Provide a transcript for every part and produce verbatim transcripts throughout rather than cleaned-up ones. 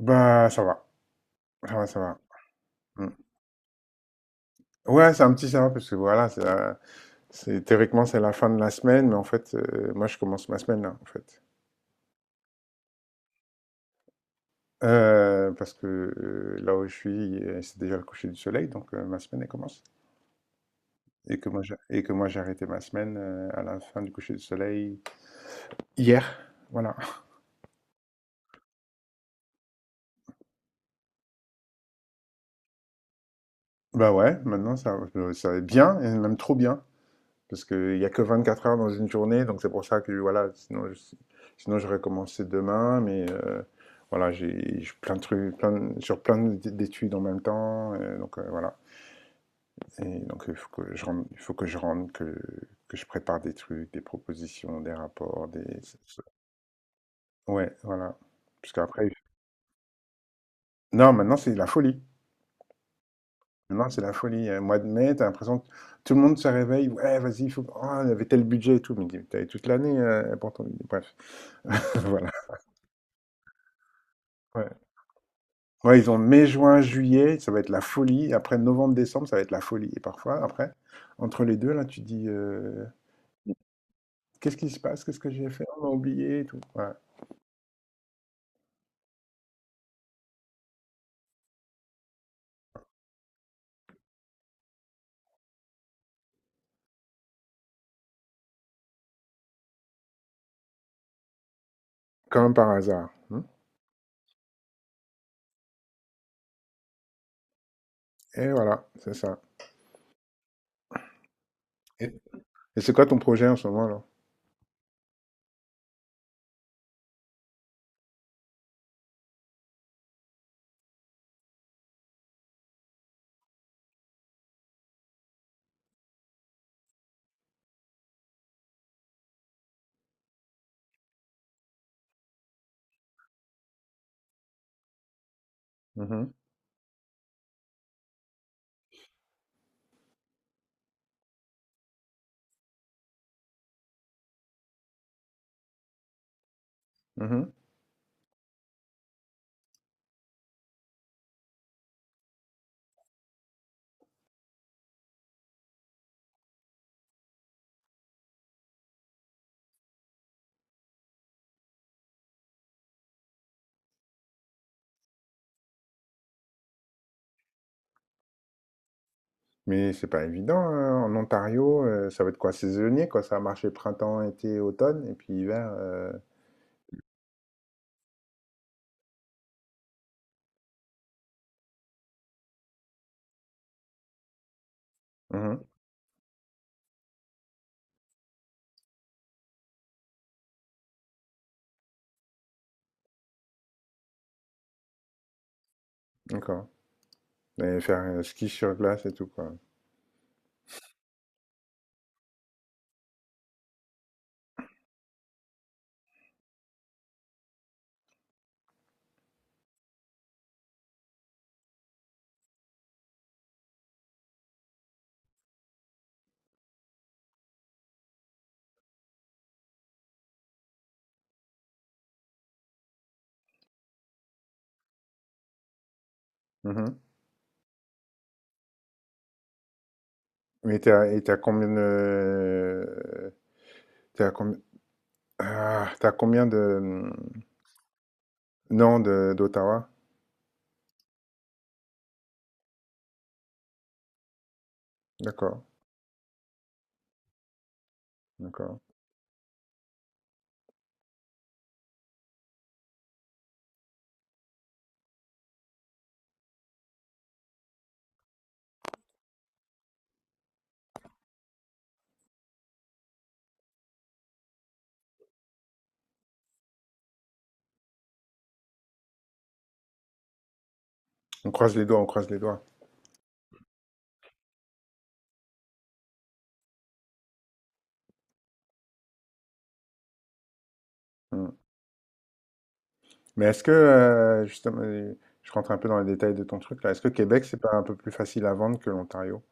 Bah, ça va, ça va, ça va. Mm. Ouais, c'est un petit ça va parce que voilà, c'est la- c'est- théoriquement c'est la fin de la semaine, mais en fait, euh, moi je commence ma semaine là, en fait. Euh, parce que euh, là où je suis, euh, c'est déjà le coucher du soleil, donc euh, ma semaine elle commence. Et que moi j'ai et que moi j'ai arrêté ma semaine euh, à la fin du coucher du soleil hier, voilà. Bah ouais, maintenant ça, ça va être bien, et même trop bien, parce qu'il n'y a que vingt-quatre heures dans une journée, donc c'est pour ça que voilà, sinon, je, sinon j'aurais commencé demain, mais euh, voilà, j'ai plein de trucs, plein de- sur plein d'études en même temps, euh, donc euh, voilà. Et donc il faut que je rentre, il faut que je rentre, que, que je prépare des trucs, des propositions, des rapports, des... Ouais, voilà. Parce qu'après... Non, maintenant c'est la folie. Maintenant c'est la folie. Euh, Mois de mai, t'as l'impression que tout le monde se réveille, ouais, vas-y, il faut... Oh, il y avait tel budget et tout, mais t'avais toute l'année euh, pour ton... Bref, voilà. Ouais. Ouais, ils ont mai, juin, juillet, ça va être la folie. Après novembre, décembre, ça va être la folie. Et parfois, après, entre les deux, là, tu dis euh, qu'est-ce qui se passe? Qu'est-ce que j'ai fait? On m'a oublié et tout. Ouais. Comme par hasard, hein. Et voilà, c'est ça. Et, et c'est quoi ton projet en ce moment, là? Mhm, mhm. Mais c'est pas évident, hein. En Ontario, euh, ça va être quoi? Saisonnier, quoi. Ça va marcher printemps, été, automne, et puis hiver. Euh, mhm. D'accord. Et faire euh, ski sur glace et tout, quoi. Mhm. Mais t'as, et t'as combien de... T'es à combien, ah, t'es à combien de... mm, Non, de d'Ottawa? D'accord, d'accord. On croise les doigts, on croise les doigts. Hmm. Mais est-ce que, euh, justement, euh, je rentre un peu dans les détails de ton truc là, est-ce que Québec, c'est pas un peu plus facile à vendre que l'Ontario?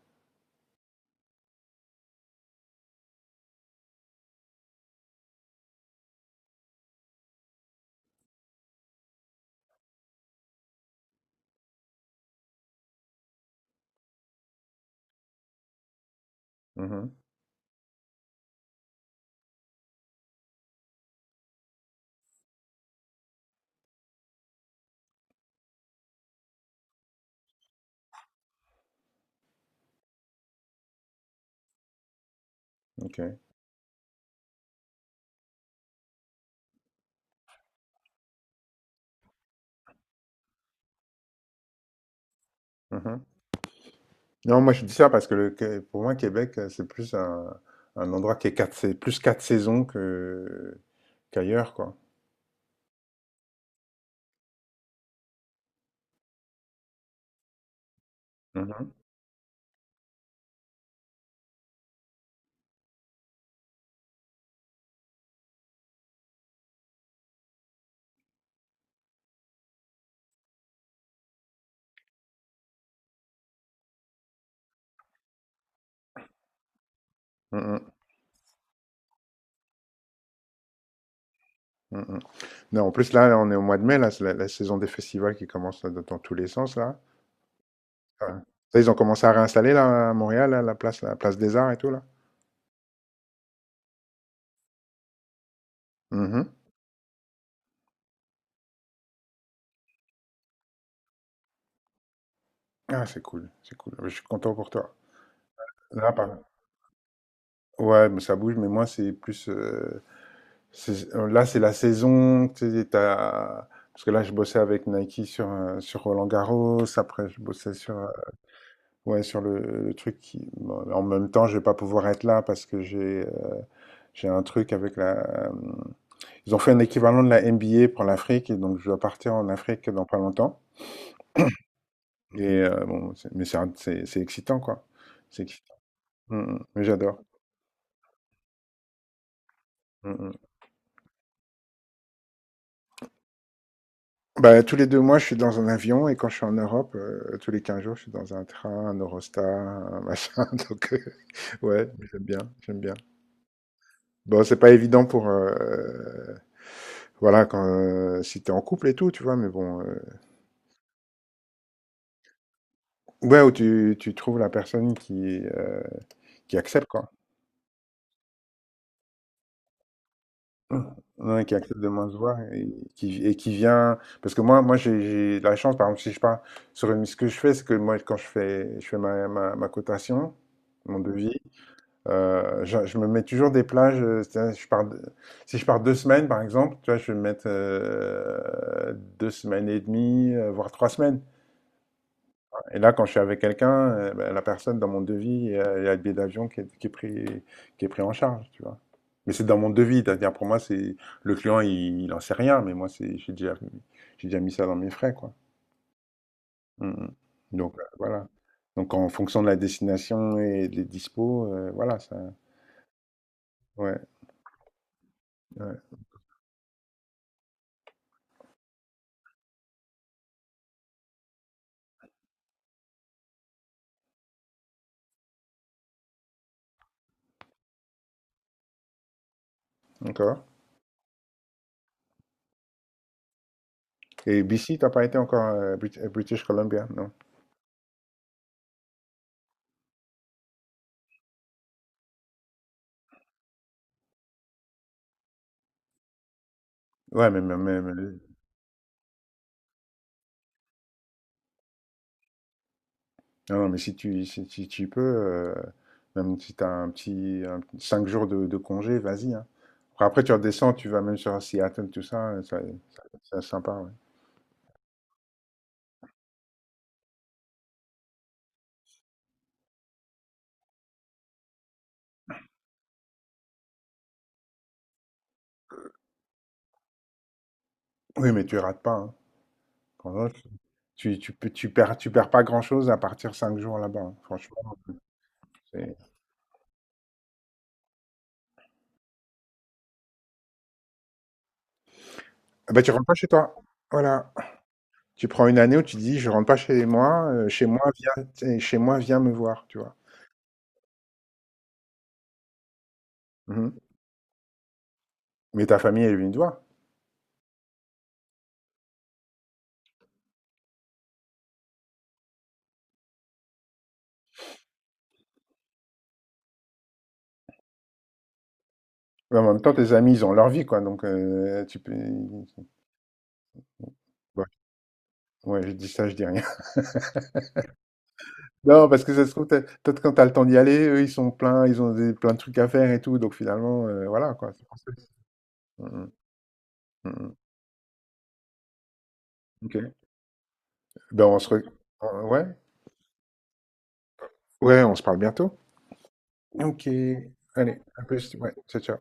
Mhm, ok. Mhm. Non, moi je dis ça parce que le, Qué- pour moi, Québec, euh, c'est plus un, un endroit qui est quatre, c'est plus quatre saisons que qu'ailleurs, quoi. Mhm, mhm, mhm. Non, en plus là, là, on est au mois de mai, là, c'est la, la saison des festivals qui commence là, dans tous les sens là. Ouais. Ça, ils ont commencé à réinstaller là, à Montréal, là, la place, la place des Arts et tout là. Mhm. Ah, c'est cool, c'est cool. Je suis content pour toi. Là, par- ouais, mais ça bouge, mais moi, c'est plus. Euh, c'est- euh, là, c'est la saison, tu sais, t'as- parce que là, je bossais avec Nike sur, euh, sur Roland-Garros. Après, je bossais sur, euh, ouais, sur le, le truc qui. Bon, en même temps, je vais pas pouvoir être là parce que j'ai euh, j'ai un truc avec la. euh, Ils ont fait un équivalent de la N B A pour l'Afrique et donc je dois partir en Afrique dans pas longtemps. Et heu, bon, c'est mais c'est un c'est c'est excitant, quoi. C'est excitant. Mmh mh. Mais j'adore. Mmh mh. Bah, tous les deux mois, je suis dans un avion et quand je suis en Europe, heu, tous les quinze jours, je suis dans un train, un Eurostar, un machin, donc heu, ouais, mais j'aime bien, j'aime bien. Bon, c'est pas évident pour, heu, voilà, quand, heu, si t'es en couple et tout, tu vois? Mais bon, heu, ouais, où tu tu trouves la personne qui, heu, qui accepte, quoi. Ouais, qui accepte de moins se voir et qui, et qui vient. Parce que moi, moi j'ai j'ai la chance, par exemple, si je pars sur une. Ce que je fais, c'est que moi, quand je fais, je fais ma, ma, ma cotation, mon devis, euh, je, je me mets toujours des plages, euh, c'est-à-dire, je pars, de- si je pars deux semaines, par exemple, tu vois, je vais me mettre euh, deux semaines et demie, euh, voire trois semaines. Et là, quand je suis avec quelqu'un, euh, ben, la personne dans mon devis, euh, il y a le billet d'avion qui est, qui est pris, qui est pris, en charge, tu vois. Mais c'est dans mon devis, c'est-à-dire pour moi, c'est le client, il n'en sait rien, mais moi, c'est, j'ai déjà, j'ai déjà mis ça dans mes frais, quoi. Mm, mm. Donc euh, voilà. Donc en fonction de la destination et des dispos, euh, voilà, ça. Ouais, ouais. Encore. Et B C, t'as pas été encore euh, Brit- euh, British Columbia, non? Ouais, mais, mais, mais- mais- Non, non, mais si tu, si, si tu peux, euh, même si tu as un petit, un cinq jours de, de congé, vas-y, hein. Après, après, tu redescends, tu vas même sur Seattle, tout ça, euh, ça, ça- c'est sympa. Ouais. Oui, mais tu rates pas, hein. Quand même, Tu, tu, peux- tu perds, tu perds pas grand-chose à partir cinq jours là-bas, hein. Franchement, c'est- ah bah, tu rentres pas chez toi. Voilà. Tu prends une année où tu te dis, je rentre pas chez moi, euh, chez moi, viens, t'sais, chez moi, viens me voir, tu vois. Mhm. Mais ta famille, elle est venue te voir. Mais en même temps, tes amis, ils ont leur vie, quoi. Donc, euh, tu peux. Ouais, je dis ça, je dis rien. Non, parce que ça se trouve, peut-être peut-être quand t'as le temps d'y aller, eux, ils sont pleins, ils ont des, plein de trucs à faire et tout, donc finalement, euh, voilà, quoi. C'est pour ça. Mhm, mhm. Ok. Ben, on se... re- on- ouais. Ouais, on se parle bientôt. Ok. Allez, à plus. Ouais, ciao, ciao.